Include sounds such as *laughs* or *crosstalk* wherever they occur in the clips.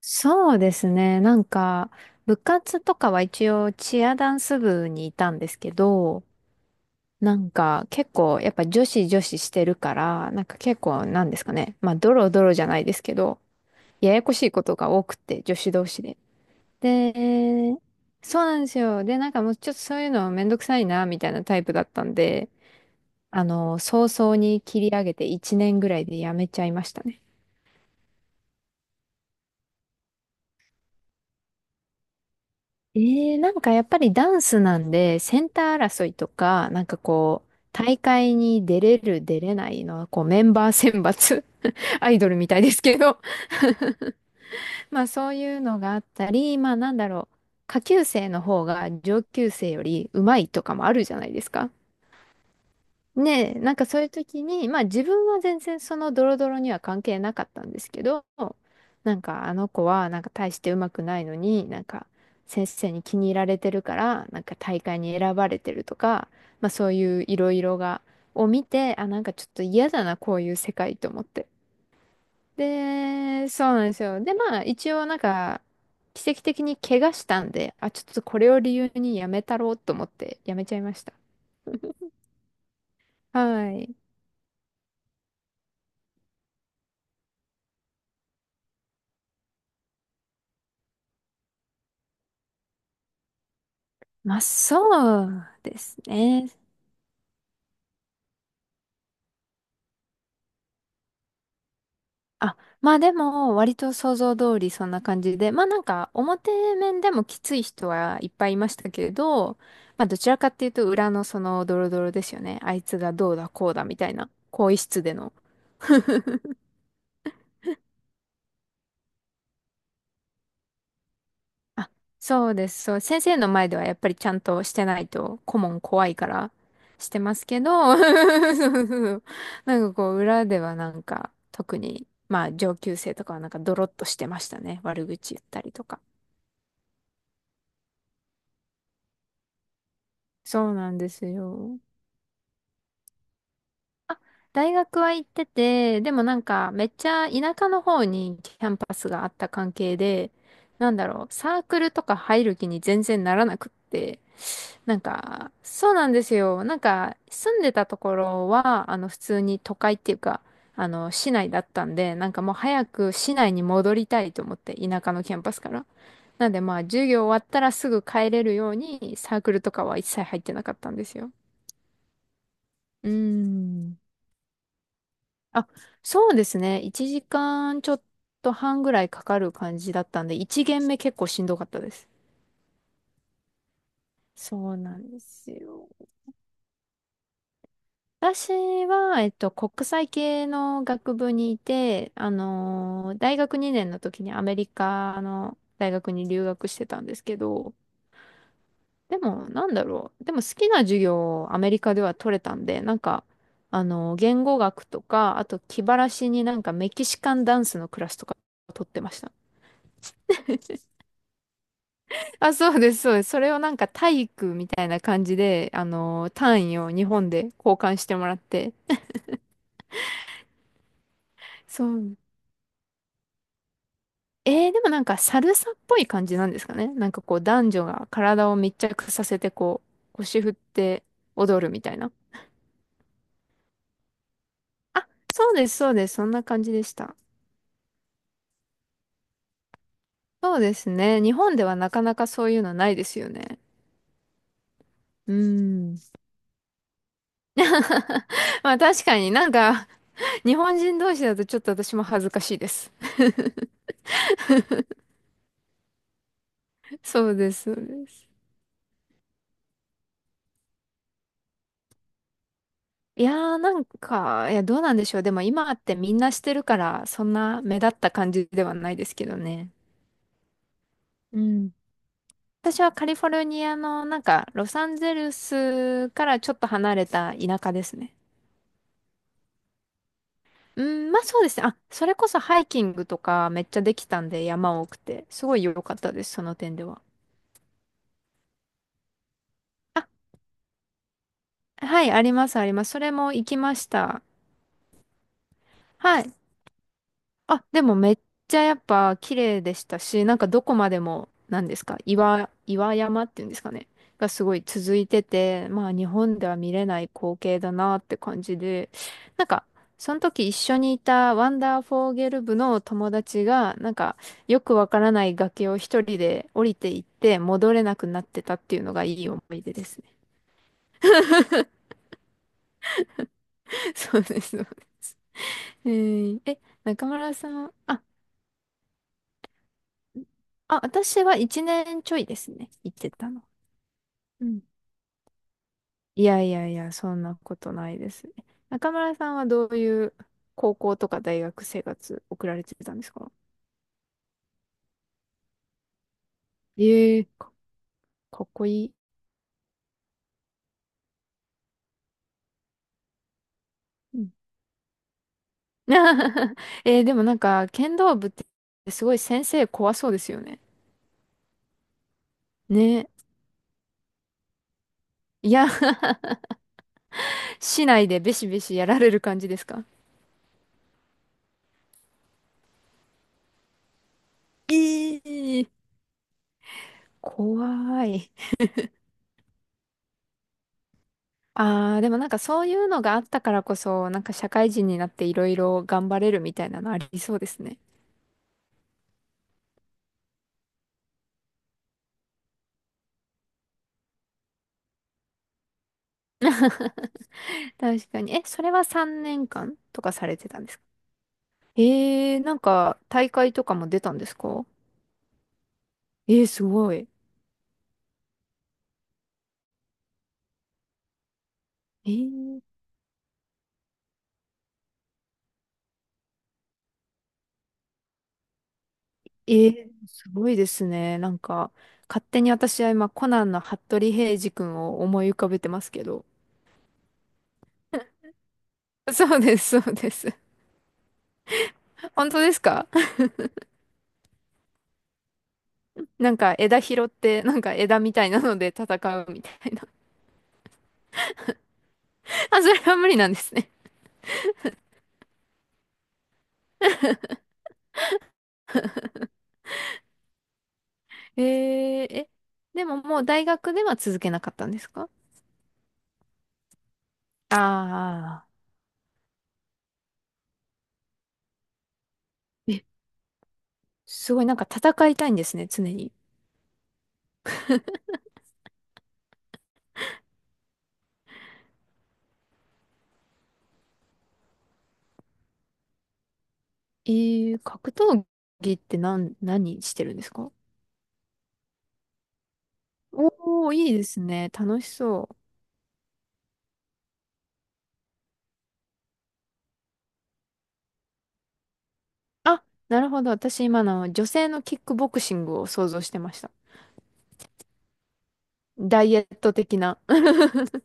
そうですね。なんか、部活とかは一応チアダンス部にいたんですけど、なんか結構やっぱ女子女子してるから、なんか結構なんですかね。まあドロドロじゃないですけど、ややこしいことが多くて、女子同士で。で、そうなんですよ。で、なんかもうちょっとそういうのめんどくさいな、みたいなタイプだったんで、あの、早々に切り上げて1年ぐらいでやめちゃいましたね。ええ、なんかやっぱりダンスなんで、センター争いとか、なんかこう、大会に出れる、出れないのは、こう、メンバー選抜、*laughs* アイドルみたいですけど、*laughs* まあそういうのがあったり、まあなんだろう、下級生の方が上級生より上手いとかもあるじゃないですか。ねえ、なんかそういう時に、まあ自分は全然そのドロドロには関係なかったんですけど、なんかあの子はなんか大してうまくないのに、なんか先生に気に入られてるから、なんか大会に選ばれてるとか、まあそういういろいろを見て、あ、なんかちょっと嫌だな、こういう世界と思って。で、そうなんですよ。で、まあ一応なんか、奇跡的に怪我したんで、あ、ちょっとこれを理由にやめたろうと思ってやめちゃいました。*laughs* はい。まあ、そうですね。あ、まあでも、割と想像通りそんな感じで、まあなんか、表面でもきつい人はいっぱいいましたけれど、まあどちらかっていうと、裏のそのドロドロですよね。あいつがどうだこうだみたいな、更衣室での。あ、そうです。そう、先生の前ではやっぱりちゃんとしてないと顧問怖いからしてますけど、*laughs* そうそう。なんかこう裏ではなんか特にまあ上級生とかはなんかドロッとしてましたね。悪口言ったりとか。そうなんですよ。あ、大学は行ってて、でもなんかめっちゃ田舎の方にキャンパスがあった関係で、なんだろう、サークルとか入る気に全然ならなくって、なんか、そうなんですよ。なんか住んでたところは、あの普通に都会っていうか、あの市内だったんで、なんかもう早く市内に戻りたいと思って、田舎のキャンパスから。なんでまあ授業終わったらすぐ帰れるようにサークルとかは一切入ってなかったんですよ。うーん。あ、そうですね。1時間ちょっと半ぐらいかかる感じだったんで、1限目結構しんどかったです。そうなんですよ。私は、国際系の学部にいて、大学2年の時にアメリカの大学に留学してたんですけど、でも、なんだろう。でも好きな授業をアメリカでは取れたんで、なんか、言語学とか、あと気晴らしになんかメキシカンダンスのクラスとか取ってました。あ、そうです、そうです。それをなんか体育みたいな感じで、単位を日本で交換してもらって。そう。でもなんかサルサっぽい感じなんですかね。なんかこう男女が体を密着させてこう、腰振って踊るみたいな。あ、そうです、そうです。そんな感じでした。そうですね。日本ではなかなかそういうのないですよね。うーん。*laughs* まあ確かになんか、日本人同士だとちょっと私も恥ずかしいです。そうです、そうです。いやーなんか、いや、どうなんでしょう。でも今ってみんなしてるから、そんな目立った感じではないですけどね。うん。私はカリフォルニアの、なんか、ロサンゼルスからちょっと離れた田舎ですね。うん、まあそうですね。あ、それこそハイキングとかめっちゃできたんで山多くて、すごい良かったです、その点では。あ、はい、あります、あります。それも行きました。はい。あ、でもめっちゃやっぱ綺麗でしたし、なんかどこまでも、なんですか、岩山っていうんですかね、がすごい続いてて、まあ日本では見れない光景だなって感じで、なんか、その時一緒にいたワンダーフォーゲル部の友達が、なんか、よくわからない崖を一人で降りていって戻れなくなってたっていうのがいい思い出ですね。*laughs* そうです、そうです。え、中村さん、あ、私は一年ちょいですね。行ってたの。うん。いやいやいや、そんなことないですね。中村さんはどういう高校とか大学生活送られてたんですか？ええ、かっこいい。うん *laughs* でもなんか、剣道部ってすごい先生怖そうですよね。ね。いや *laughs* 市内でベシベシやられる感じですか？ええー、怖い。ああ、でもなんかそういうのがあったからこそ、なんか社会人になっていろいろ頑張れるみたいなのありそうですね。*laughs* 確かに。え、それは3年間とかされてたんですか？えー、なんか大会とかも出たんですか？えー、すごい。えー、えー、すごいですね。なんか、勝手に私は今、コナンの服部平次君を思い浮かべてますけど。*laughs* そうです、そうです。*laughs* 本当ですか？ *laughs* なんか枝拾って、なんか枝みたいなので戦うみたいな。*laughs* あ、それは無理なんですね。えー、え、でももう大学では続けなかったんですか？ああー。え、すごいなんか戦いたいんですね、常に。えー、格闘技って何してるんですか？おー、いいですね。楽しそう。あ、なるほど。私今の女性のキックボクシングを想像してました。ダイエット的な。*laughs*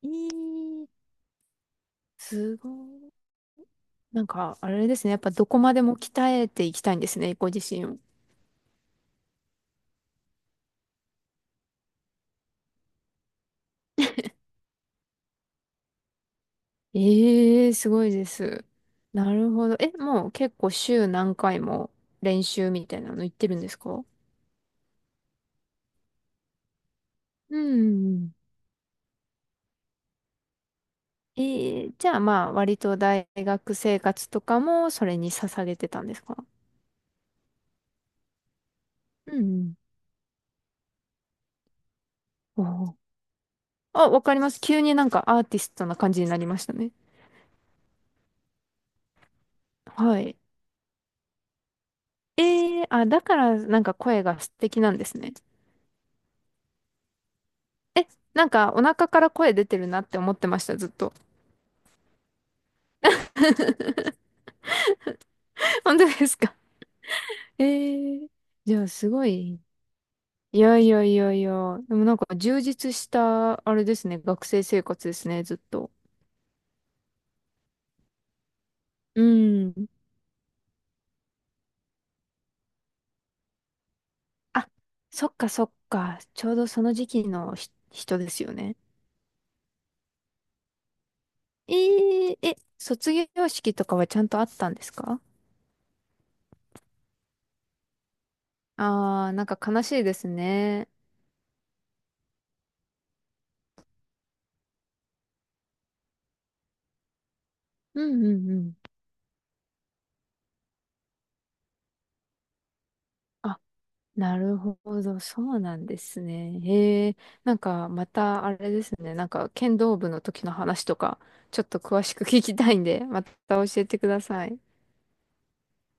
いい、すごい。なんか、あれですね。やっぱどこまでも鍛えていきたいんですね、ご自身を。ええ、すごいです。なるほど。え、もう結構週何回も練習みたいなの行ってるんですか？うん。ええ、じゃあまあ割と大学生活とかもそれに捧げてたんですか？うんうん。おー、あ、わかります。急になんかアーティストな感じになりましたね。はい。ええ、あ、だからなんか声が素敵なんですね。え、なんかお腹から声出てるなって思ってました、ずっと。*laughs* 本当ですか？ *laughs* ええ、じゃあすごい。いやいやいやいや。でもなんか充実した、あれですね。学生生活ですね、ずっと。うん。あ、そっかそっか。ちょうどその時期の人ですよね。えー、え、卒業式とかはちゃんとあったんですか？あー、なんか悲しいですね。うんうんうん。あ、なるほど。そうなんですね。へえ。なんかまたあれですね。なんか剣道部の時の話とか、ちょっと詳しく聞きたいんで、また教えてください。